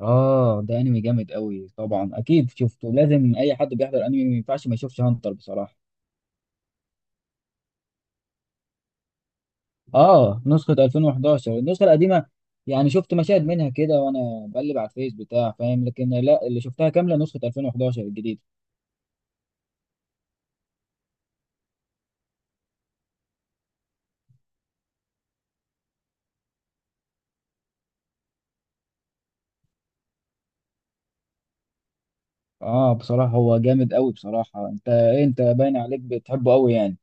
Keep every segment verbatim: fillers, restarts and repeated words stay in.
اه ده انمي جامد قوي طبعا اكيد شفته. لازم اي حد بيحضر انمي ما ينفعش ما يشوفش هانتر بصراحه. اه نسخه ألفين وحداشر النسخه القديمه. يعني شفت مشاهد منها كده وانا بقلب على الفيس بتاع فاهم، لكن لا اللي شفتها كامله نسخه ألفين وحداشر الجديده. اه بصراحه هو جامد قوي بصراحه. انت إيه، انت باين عليك بتحبه قوي يعني.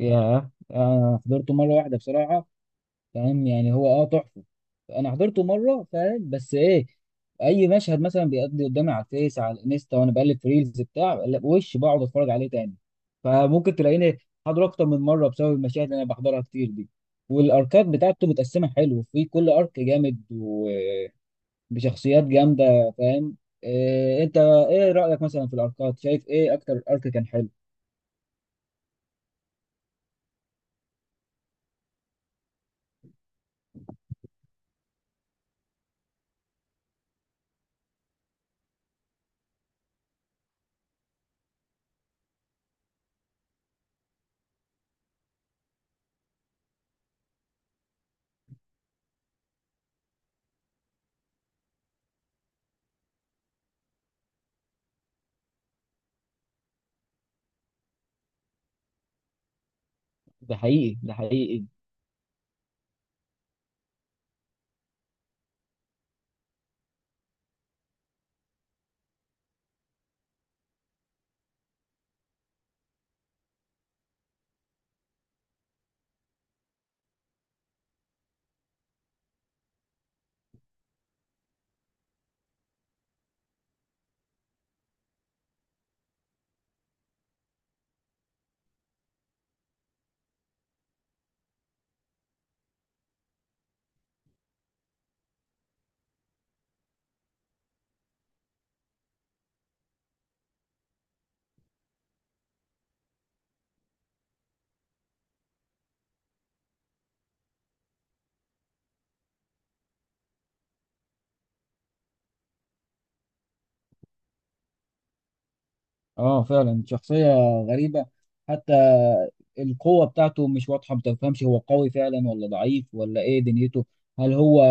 ياه انا حضرته مره واحده بصراحه. فاهم يعني هو اه تحفه. انا حضرته مره فاهم بس ايه، اي مشهد مثلا بيقضي قدامي على الفيس على الانستا وانا بقلب في ريلز بتاع لا، وش بقعد اتفرج عليه تاني. فممكن تلاقيني حاضره اكتر من مره بسبب المشاهد اللي انا بحضرها كتير دي. والاركات بتاعته متقسمه حلو، في كل ارك جامد وبشخصيات جامده فاهم. إيه انت ايه رايك مثلا في الاركات؟ شايف ايه اكتر ارك كان حلو؟ ده حقيقي ده حقيقي. اه فعلا شخصية غريبة حتى. القوة بتاعته مش واضحة، ما تفهمش هو قوي فعلا ولا ضعيف ولا ايه دنيته. هل هو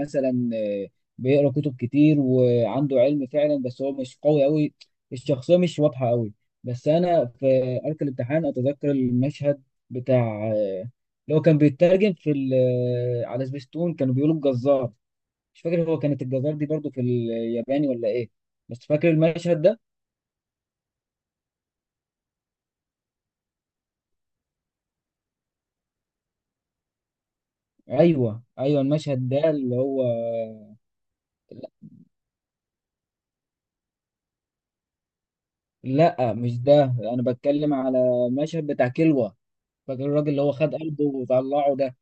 مثلا آه، بيقرأ كتب كتير وعنده علم فعلا، بس هو مش قوي قوي. الشخصية مش واضحة قوي. بس انا في أرك الامتحان اتذكر المشهد بتاع اللي هو كان بيترجم في ال- آه، على سبيستون كانوا بيقولوا الجزار. مش فاكر هو كانت الجزار دي برضو في الياباني ولا ايه، بس فاكر المشهد ده. ايوه ايوه المشهد ده اللي هو، لا مش ده، انا بتكلم على المشهد بتاع كلوة. فاكر الراجل اللي هو خد قلبه وطلعه ده؟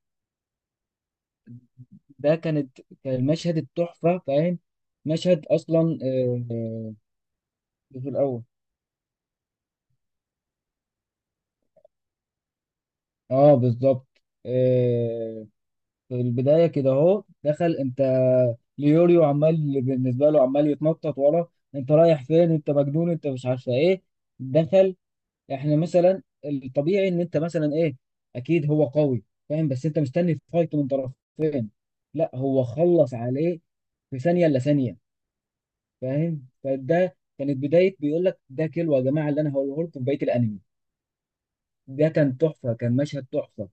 ده كانت كان المشهد التحفة فاهم. مشهد اصلا آه، آه، في الاول. اه بالظبط. آه، في البداية كده اهو دخل انت. ليوريو عمال بالنسبة له، عمال يتنطط ورا، انت رايح فين؟ انت مجنون؟ انت مش عارفة ايه. دخل. احنا مثلا الطبيعي ان انت مثلا ايه، اكيد هو قوي فاهم، بس انت مستني فايت من طرفين. لا هو خلص عليه في ثانيه الا ثانيه. فاهم، فده كانت بدايه بيقول لك ده كيلو يا جماعه اللي انا هقوله لكم في بقيه الانمي. ده كان تحفه، كان مشهد تحفه.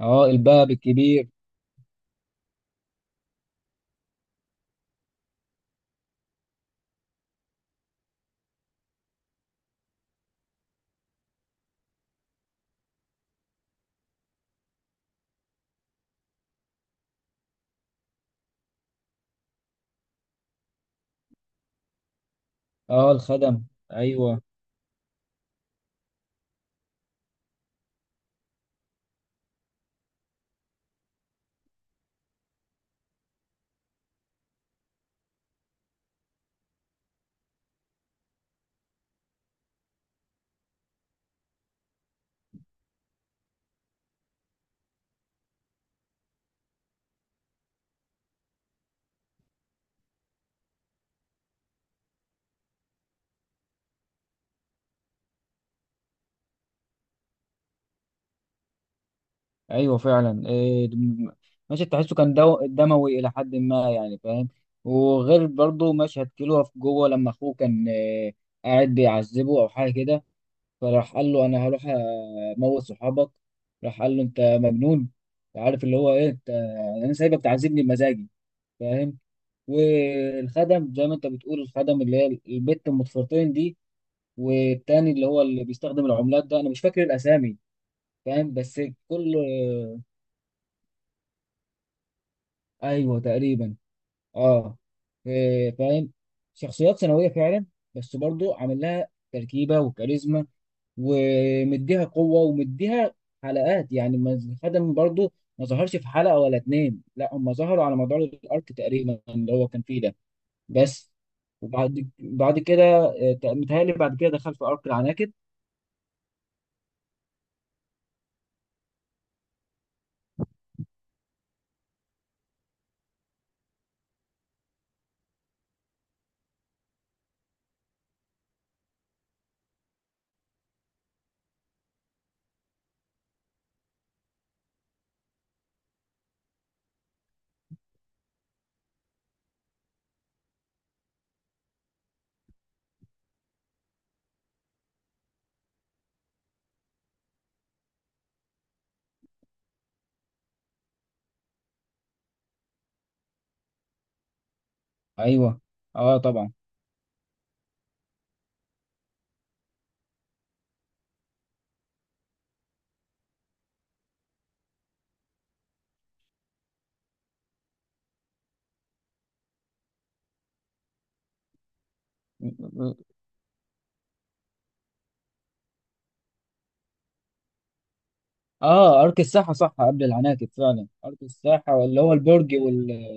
اه الباب الكبير. اه الخدم ايوه. ايوه فعلا. إيه دم- مشهد تحسه كان دو دموي الى حد ما يعني فاهم. وغير برضه مشهد كيلو في جوه لما اخوه كان إيه، قاعد بيعذبه او حاجه كده، فراح قال له انا هروح اموت صحابك، راح قال له انت مجنون؟ عارف اللي هو ايه انت؟ انا سايبك تعذبني بمزاجي فاهم. والخدم زي ما انت بتقول، الخدم اللي هي البت ام ضفيرتين دي، والتاني اللي هو اللي بيستخدم العملات ده، انا مش فاكر الاسامي فاهم. بس كل، ايوه تقريبا. اه إيه، فاهم. شخصيات ثانويه فعلا، بس برضو عامل لها تركيبه وكاريزما ومديها قوه، ومديها حلقات يعني. ما خدم برضو ما ظهرش في حلقه ولا اتنين، لا هم ظهروا على مدار الارك تقريبا اللي هو كان فيه ده. بس وبعد بعد كده آه، متهيألي بعد كده دخل في ارك العناكب. ايوه. اه طبعا. اه ارك الساحه صح قبل العناكب، فعلا ارك الساحه اللي هو البرج وال.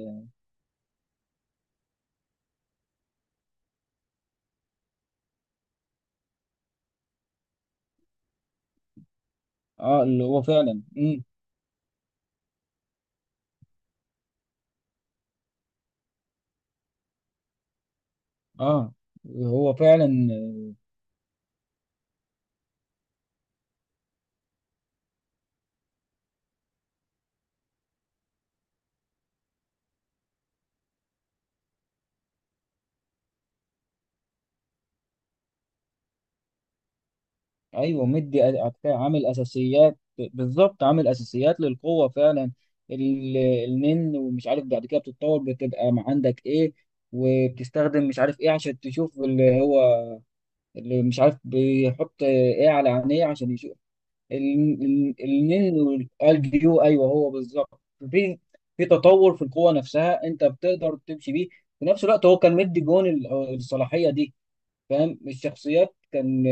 اه اللي هو فعلا امم. اه هو فعلا. ايوه مدي أ- أ- عامل اساسيات، بالظبط عامل اساسيات للقوه فعلا. ال- النن، ومش عارف بعد كده بتتطور، بتبقى ما عندك ايه، وبتستخدم مش عارف ايه عشان تشوف اللي هو، اللي مش عارف بيحط ايه على عينيه عشان يشوف ال- ال- النن. والجيو ايوه هو بالظبط. في في تطور في القوه نفسها، انت بتقدر تمشي بيه. في نفس الوقت هو كان مدي جون ال- الصلاحيه دي فاهم. الشخصيات كان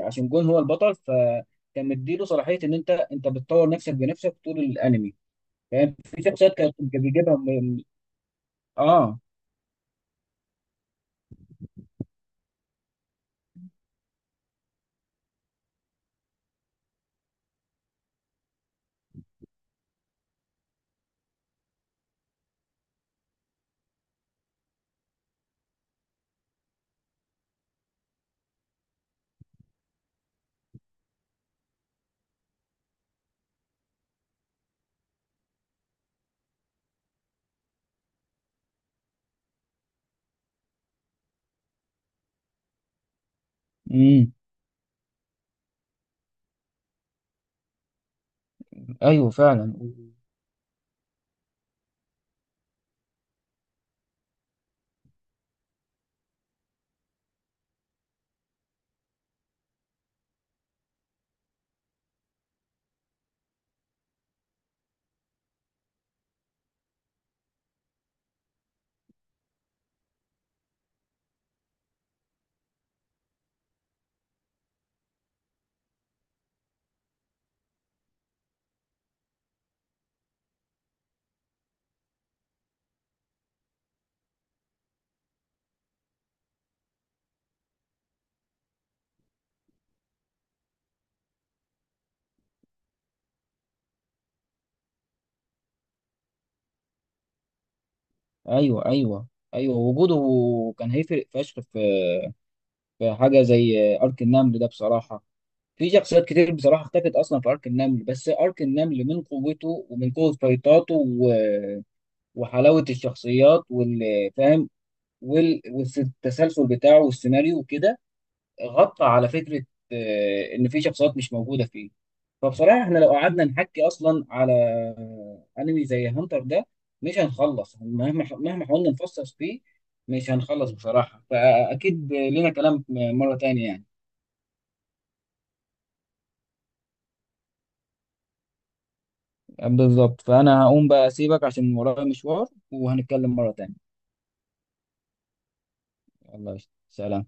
آه، عشان جون هو البطل، فكان مديله صلاحيه ان انت انت بتطور نفسك بنفسك طول الانمي فاهم. في شخصيات كانت بيجيبها من، اه امم. ايوه فعلا. ايوه ايوه. ايوه وجوده كان هيفرق فشخ في في حاجه زي ارك النمل ده بصراحه. في شخصيات كتير بصراحه اختفت اصلا في ارك النمل، بس ارك النمل من قوته ومن قوه فايطاته و... وحلاوه الشخصيات والفهم وال- والتسلسل بتاعه والسيناريو وكده، غطى على فكره آه، ان في شخصيات مش موجوده فيه. فبصراحه احنا لو قعدنا نحكي اصلا على انمي زي هانتر ده مش هنخلص، مهما مهما حاولنا نفصص فيه مش هنخلص بصراحه. فاكيد لنا كلام مره تانية يعني. بالظبط، فانا هقوم بقى اسيبك عشان ورايا مشوار، وهنتكلم مره تانية. يلا سلام.